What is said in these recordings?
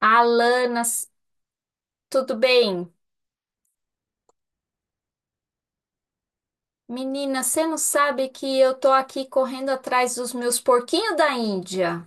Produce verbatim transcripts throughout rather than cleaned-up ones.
Alana, s- tudo bem? Menina, você não sabe que eu tô aqui correndo atrás dos meus porquinhos da Índia.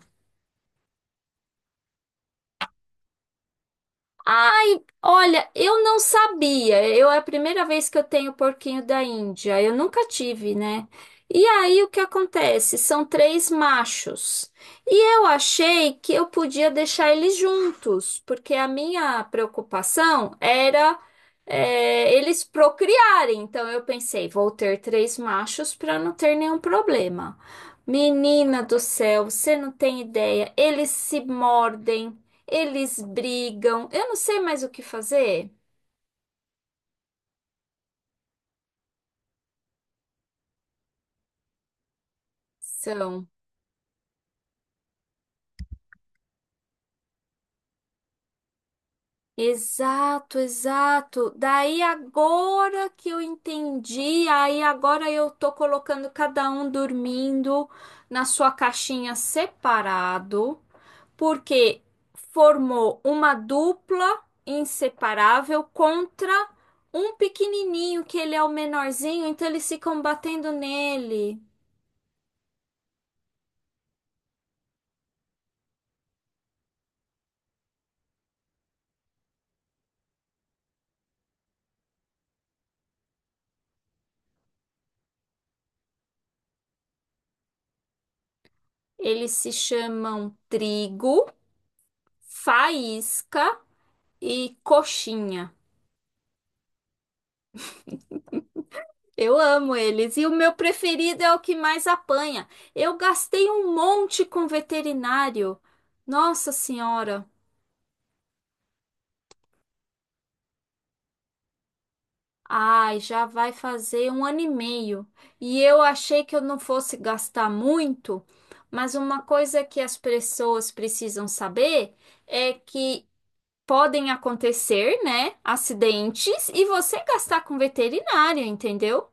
Ai, olha, eu não sabia. Eu É a primeira vez que eu tenho porquinho da Índia. Eu nunca tive, né? E aí o que acontece? São três machos. E eu achei que eu podia deixar eles juntos, porque a minha preocupação era é, eles procriarem. Então eu pensei, vou ter três machos para não ter nenhum problema. Menina do céu, você não tem ideia. Eles se mordem. Eles brigam. Eu não sei mais o que fazer. São. Exato, exato. Daí agora que eu entendi, aí agora eu tô colocando cada um dormindo na sua caixinha separado, porque formou uma dupla inseparável contra um pequenininho que ele é o menorzinho, então eles ficam batendo nele. Eles se chamam Trigo, Faísca e Coxinha. Eu amo eles. E o meu preferido é o que mais apanha. Eu gastei um monte com veterinário. Nossa Senhora. Ai, já vai fazer um ano e meio. E eu achei que eu não fosse gastar muito, mas uma coisa que as pessoas precisam saber é que podem acontecer, né, acidentes e você gastar com veterinário, entendeu?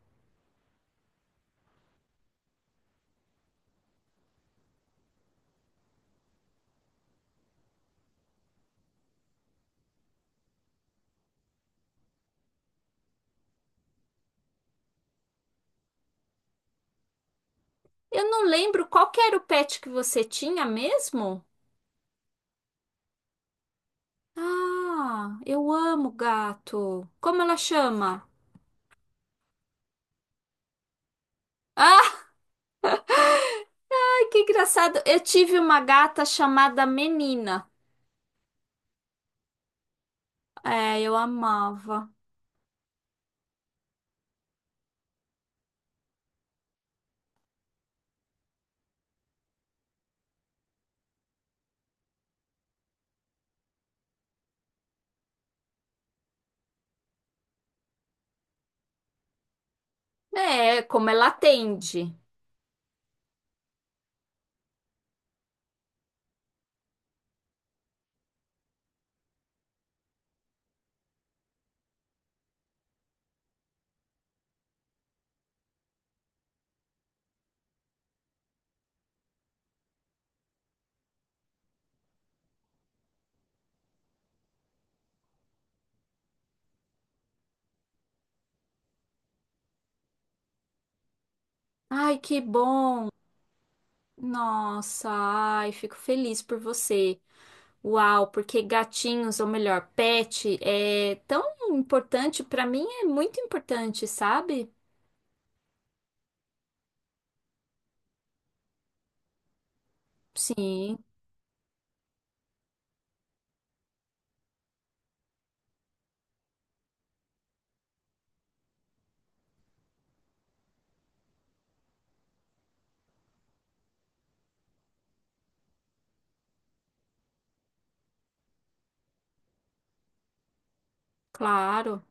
Eu não lembro qual que era o pet que você tinha mesmo? Ah, eu amo gato. Como ela chama? Ai, que engraçado. Eu tive uma gata chamada Menina. É, eu amava. É, como ela atende. Ai, que bom. Nossa, ai, fico feliz por você. Uau, porque gatinhos, ou melhor, pet, é tão importante. Para mim é muito importante, sabe? Sim, claro.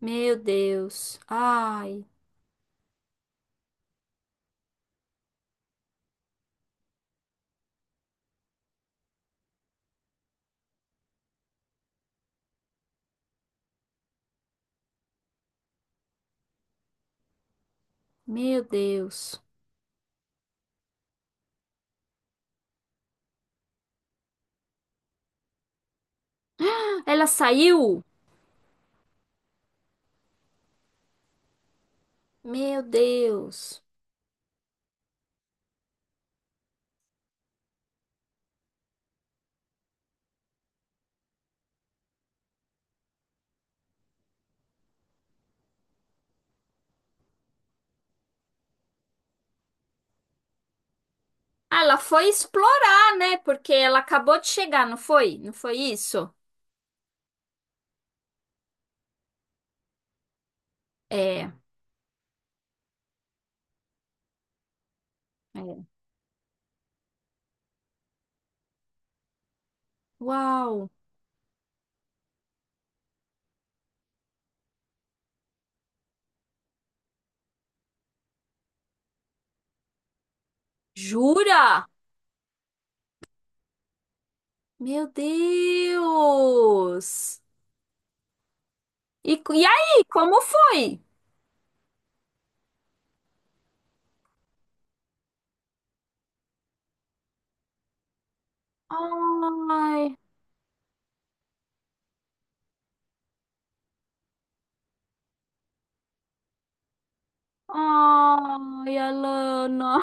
Meu Deus. Ai, meu Deus. Ela saiu? Meu Deus. Ah, ela foi explorar, né? Porque ela acabou de chegar, não foi? Não foi isso? É, é. Uau. Jura? Meu Deus. E, co- e aí, como foi? Ai, ai, Alana.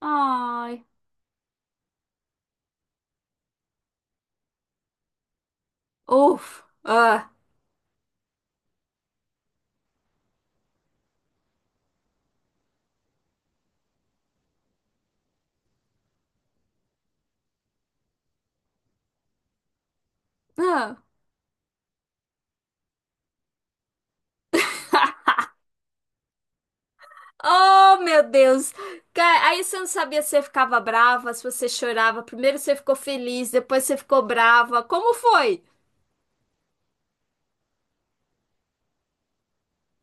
Ai. Uf. Ah. Ah. Oh, meu Deus! Ca- Aí você não sabia se você ficava brava, se você chorava. Primeiro você ficou feliz, depois você ficou brava. Como foi?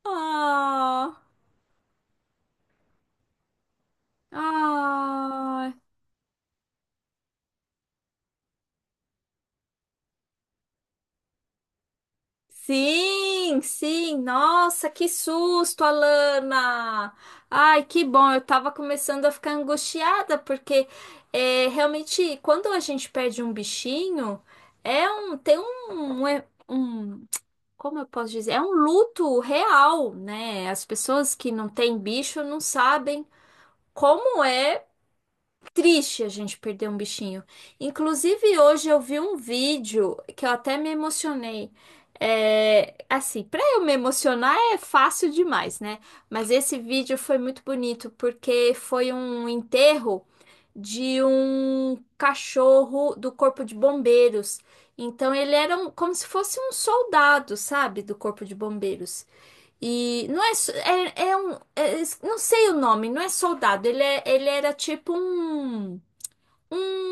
Ah, ah. Sim, sim. Nossa, que susto, Alana! Ai, que bom. Eu tava começando a ficar angustiada, porque é, realmente, quando a gente perde um bichinho, é um, tem um, um um como eu posso dizer? É um luto real, né? As pessoas que não têm bicho não sabem como é triste a gente perder um bichinho. Inclusive, hoje eu vi um vídeo que eu até me emocionei. É, assim, para eu me emocionar é fácil demais, né? Mas esse vídeo foi muito bonito porque foi um enterro de um cachorro do Corpo de Bombeiros. Então ele era um- como se fosse um soldado, sabe, do Corpo de Bombeiros. E não é, só- é, é um, é- não sei o nome, não é soldado, ele, é, ele era tipo um, um-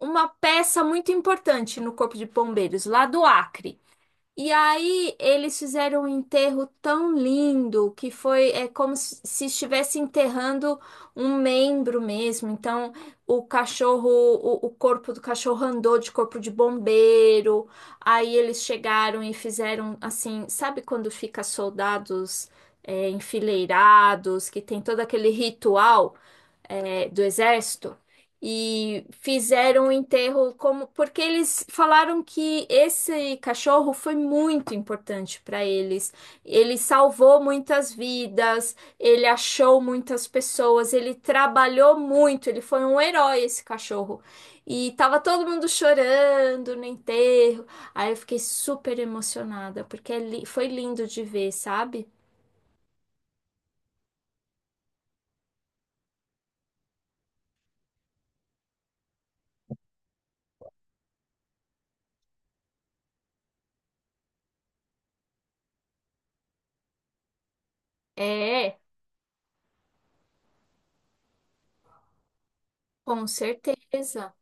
uma peça muito importante no Corpo de Bombeiros, lá do Acre. E aí eles fizeram um enterro tão lindo que foi é como se se estivesse enterrando um membro mesmo. Então o cachorro, o, o corpo do cachorro andou de corpo de bombeiro. Aí eles chegaram e fizeram assim, sabe quando fica soldados é, enfileirados, que tem todo aquele ritual é, do exército? E fizeram o enterro como porque eles falaram que esse cachorro foi muito importante para eles. Ele salvou muitas vidas, ele achou muitas pessoas, ele trabalhou muito, ele foi um herói esse cachorro. E tava todo mundo chorando no enterro. Aí eu fiquei super emocionada, porque é li- foi lindo de ver, sabe? É, com certeza.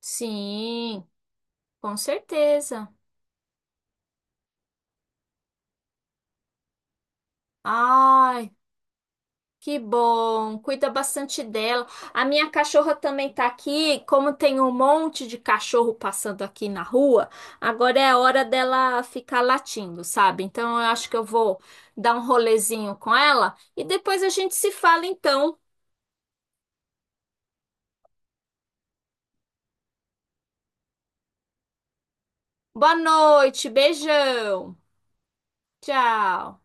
Sim, com certeza. Ai, que bom, cuida bastante dela. A minha cachorra também tá aqui. Como tem um monte de cachorro passando aqui na rua, agora é a hora dela ficar latindo, sabe? Então eu acho que eu vou dar um rolezinho com ela e depois a gente se fala então. Boa noite, beijão. Tchau.